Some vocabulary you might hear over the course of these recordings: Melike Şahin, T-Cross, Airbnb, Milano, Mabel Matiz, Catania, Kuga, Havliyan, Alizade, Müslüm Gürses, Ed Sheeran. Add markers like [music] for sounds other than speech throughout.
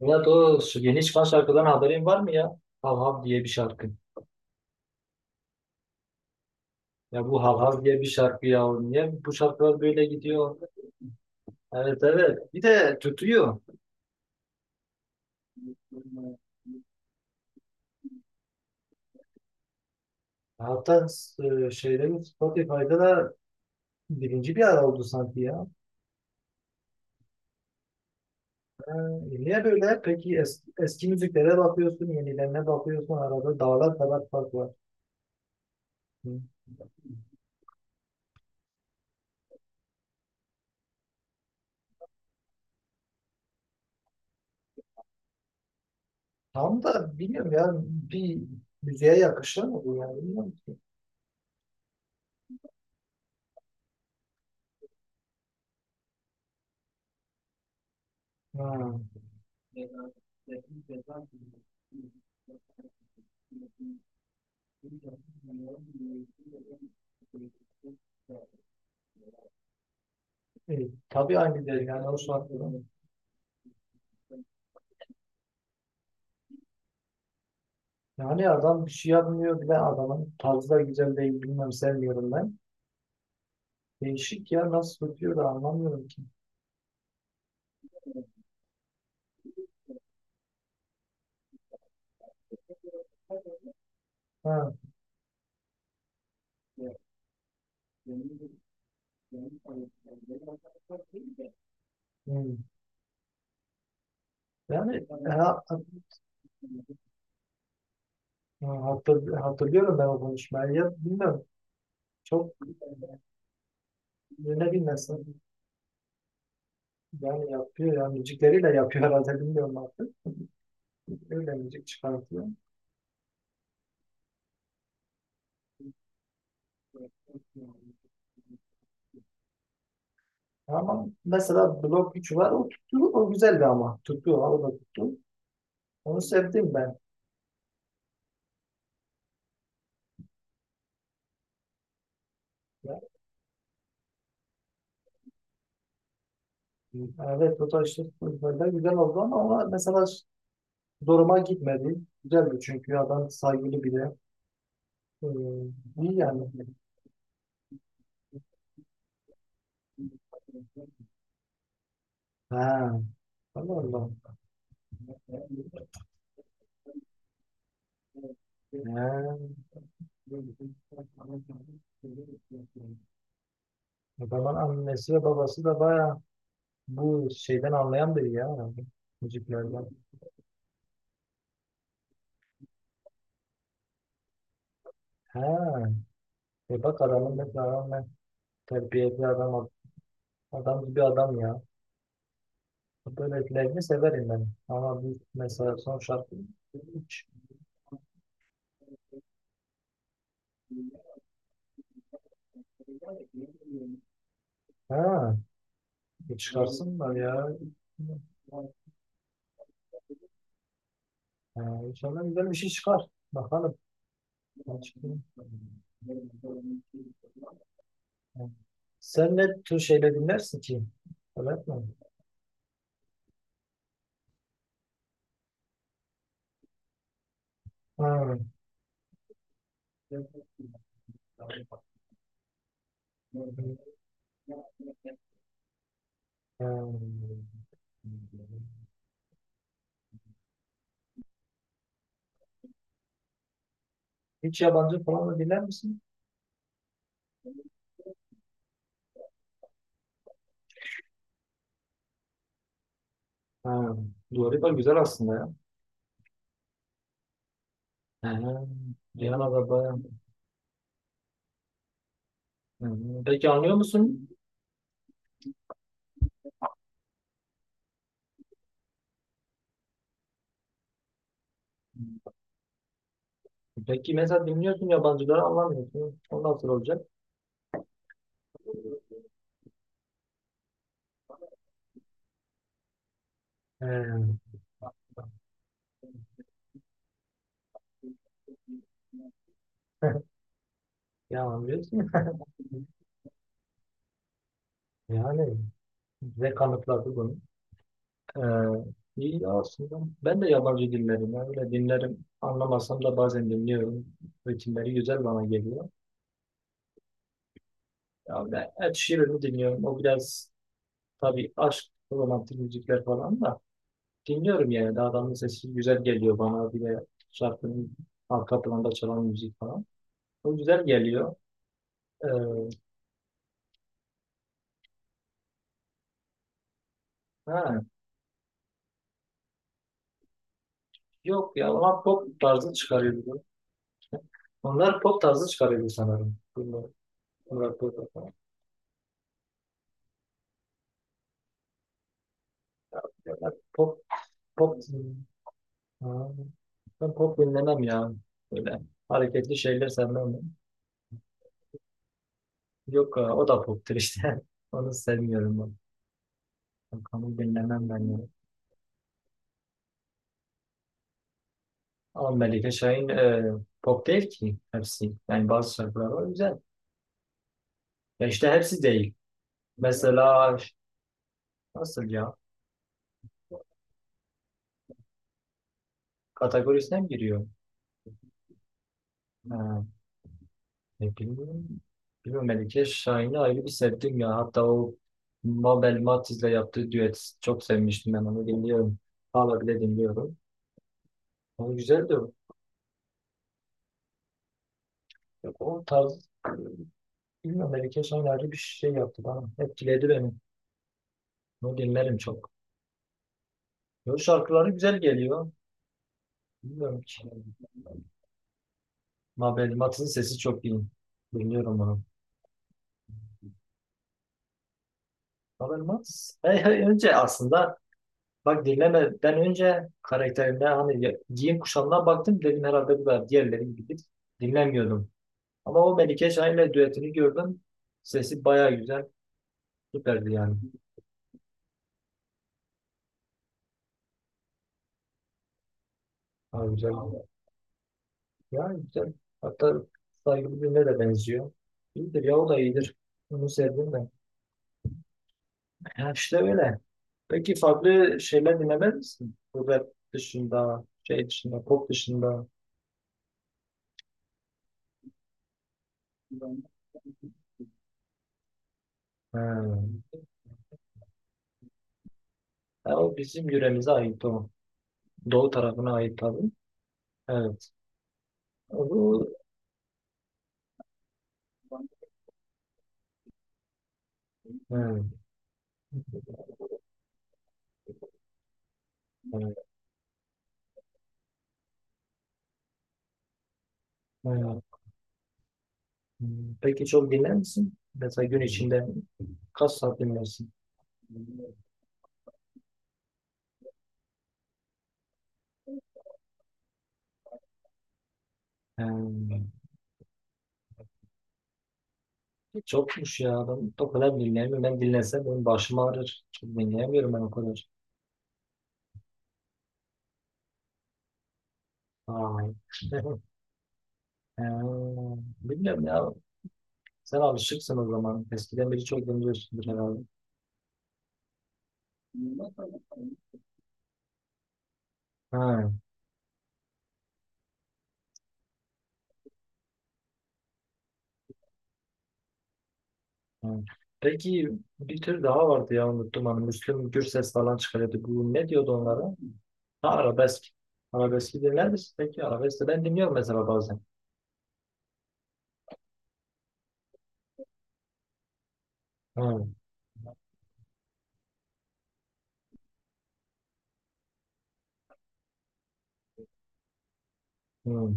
Ya o yeni çıkan şarkıdan haberin var mı ya? Hav Hav diye bir şarkı. Ya bu Hav Hav diye bir şarkı ya. Niye bu şarkılar böyle gidiyor? Evet, evet. Bir de tutuyor. Hatta şeyde mi, Spotify'da da birinci bir ara oldu sanki ya. Ha, niye böyle? Peki eski müziklere bakıyorsun, yenilerine bakıyorsun. Arada dağlar kadar fark var. Hı. Tam da bilmiyorum ya. Bir müziğe yakışır mı bu yani? Bilmiyorum ki. Ha. Ceza, resmi. E, tabii aynı değil yani o şartlarda. Yani adam bir şey yapmıyor bile, adamın tarzı da güzel değil, bilmem, sevmiyorum ben. Değişik ya, nasıl tutuyor da anlamıyorum ki. Ha. hmm. Yani ha, hatırlıyorum ben o konuşmayı. Ya bilmiyorum. Çok ne bilmesin. Yani yapıyor ya. Müzikleriyle yapıyor herhalde, bilmiyorum artık. Öyle müzik çıkartıyor. Ama mesela blok 3 var. O tuttu. O güzeldi ama. Tuttu. O da tuttu. Onu sevdim ben. Ya, evet o da işte böyle güzel oldu ama ona mesela zoruma gitmedi. Güzeldi çünkü adam saygılı biri. Ee, iyi yani. Ha, Allah Allah. Ha. O zaman annesi ve babası da baya bu şeyden anlayan biri ya herhalde. Müziklerden. He. E bak adamın mesela rağmen terbiyeli adam, adam gibi adam ya. Böylelerini severim ben. Ama bu mesela son şarkı hiç. He. E, çıkarsınlar ya. He. İnşallah güzel bir şey çıkar. Bakalım. Ben çıkayım. Hı. Sen ne tür şeyler dinlersin ki? Öyle mi? Ha. Ha. Hiç yabancı falan da dinler misin? Ha. Dua güzel aslında ya. Ha. Cihan Araba. Hı. Peki anlıyor musun? Peki mesela dinliyorsun, yabancıları anlamıyorsun. O nasıl olacak? He. [laughs] Ya anlıyorsun. Yani ve kanıtladı bunu. Ee, iyi ya aslında. Ben de yabancı dinlerim. Yani öyle dinlerim. Anlamasam da bazen dinliyorum. Ritimleri güzel bana geliyor. Ya ben Ed Sheeran'ı dinliyorum. O biraz, tabii aşk, romantik müzikler falan da dinliyorum yani. Daha adamın sesi güzel geliyor bana. Bir de şarkının arka planda çalan müzik falan. O güzel geliyor. Ee, ha, yok ya, onlar pop tarzı çıkarıyordu. Onlar pop tarzı çıkarıyordu sanırım. Bunlar, bunlar pop, pop, pop. Ha, ben pop dinlemem ya. Böyle hareketli şeyler sevmem ben. Yok ha, o da poptur işte. [laughs] Onu sevmiyorum ben. Bakalım, dinlemem ben ya. Ama Melike Şahin pop değil ki hepsi. Yani bazı şarkılar var güzel. Ya işte hepsi değil. Mesela nasıl ya? Kategorisine mi giriyor? Ha, ne bilmiyorum. Bilmiyorum, Melike Şahin'i ayrı bir sevdim ya. Hatta o Mabel Matiz'le yaptığı düet, çok sevmiştim ben, onu dinliyorum. Hala bile dinliyorum. Onu güzeldi. Yok, o tarz, bilmiyorum, belki son ayrı bir şey yaptı bana. Etkiledi beni. Onu dinlerim çok. Yo, şarkıları güzel geliyor. Bilmiyorum ki. Mabel Matiz'in sesi çok iyi. Dinliyorum onu. Mabel Matiz. Hey, hey, önce aslında bak, dinlemeden önce karakterine, hani giyim kuşamına baktım, dedim herhalde bu da diğerleri gibi, dinlemiyordum. Ama o Melike Şahin'le düetini gördüm. Sesi baya güzel. Süperdi yani. Ha, güzel. Yani güzel. Hatta saygılı birine de benziyor. İyidir ya, o da iyidir. Bunu sevdim ben. Ya işte öyle. Peki farklı şeyler dinlemez misin? Bu rap dışında, şey dışında, pop dışında. Ha. Ya o bizim yöremize ait o. Doğu tarafına ait tabii. Evet. Bu, evet. Evet, evet. Hmm. Peki çok dinler misin? Mesela gün içinde kaç saat dinlersin? Ha. Çokmuş ya. Ben o kadar dinleyemiyorum. Ben dinlesem benim başım ağrır. Çok dinleyemiyorum ben o kadar. Ay. [laughs] Ha, bilmiyorum ya. Sen alışıksın o zaman. Eskiden beri çok dinliyorsundur herhalde. Ha, ha. Peki bir tür daha vardı ya, unuttum, hani Müslüm Gürses falan çıkarıyordu. Bu ne diyordu onlara? Ha, arabesk. Arabeski dinler misin peki? Arabesk de ben dinliyorum mesela bazen. Ha, hı.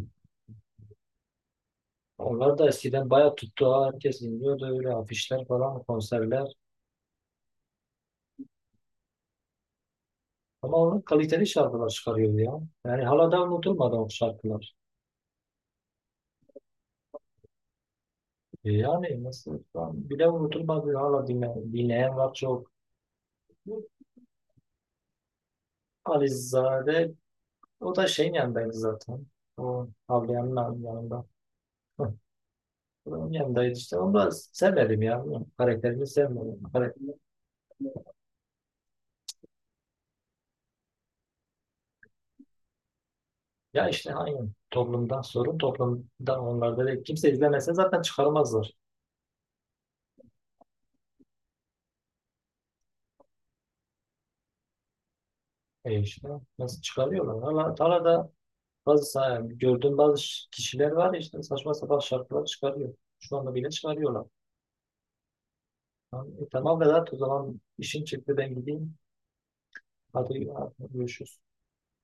Onlar da eskiden bayağı tuttu ha. Herkes dinliyordu, öyle afişler falan, konserler. Ama onun kaliteli şarkılar çıkarıyor ya. Yani hala da unutulmadı o şarkılar. E yani nasıl, ben bile unutulmadı. Hala dinleyen var çok. Alizade, o da şeyin yanındaydı zaten. O Havliyan'ın yanında. Hı. Onun yanındaydı işte. Onu da sevmedim ya. Karakterini sevmedim. Karakter- Ya işte aynı, toplumdan sorun, toplumdan, onlar da değil. Kimse izlemese zaten çıkarmazlar. E işte nasıl çıkarıyorlar? Hala, hala da gördüğüm bazı kişiler var ya, işte saçma sapan şarkılar çıkarıyor. Şu anda bile çıkarıyorlar. Tamam, tamam Vedat, o zaman işim çıktı, ben gideyim. Hadi, hadi görüşürüz.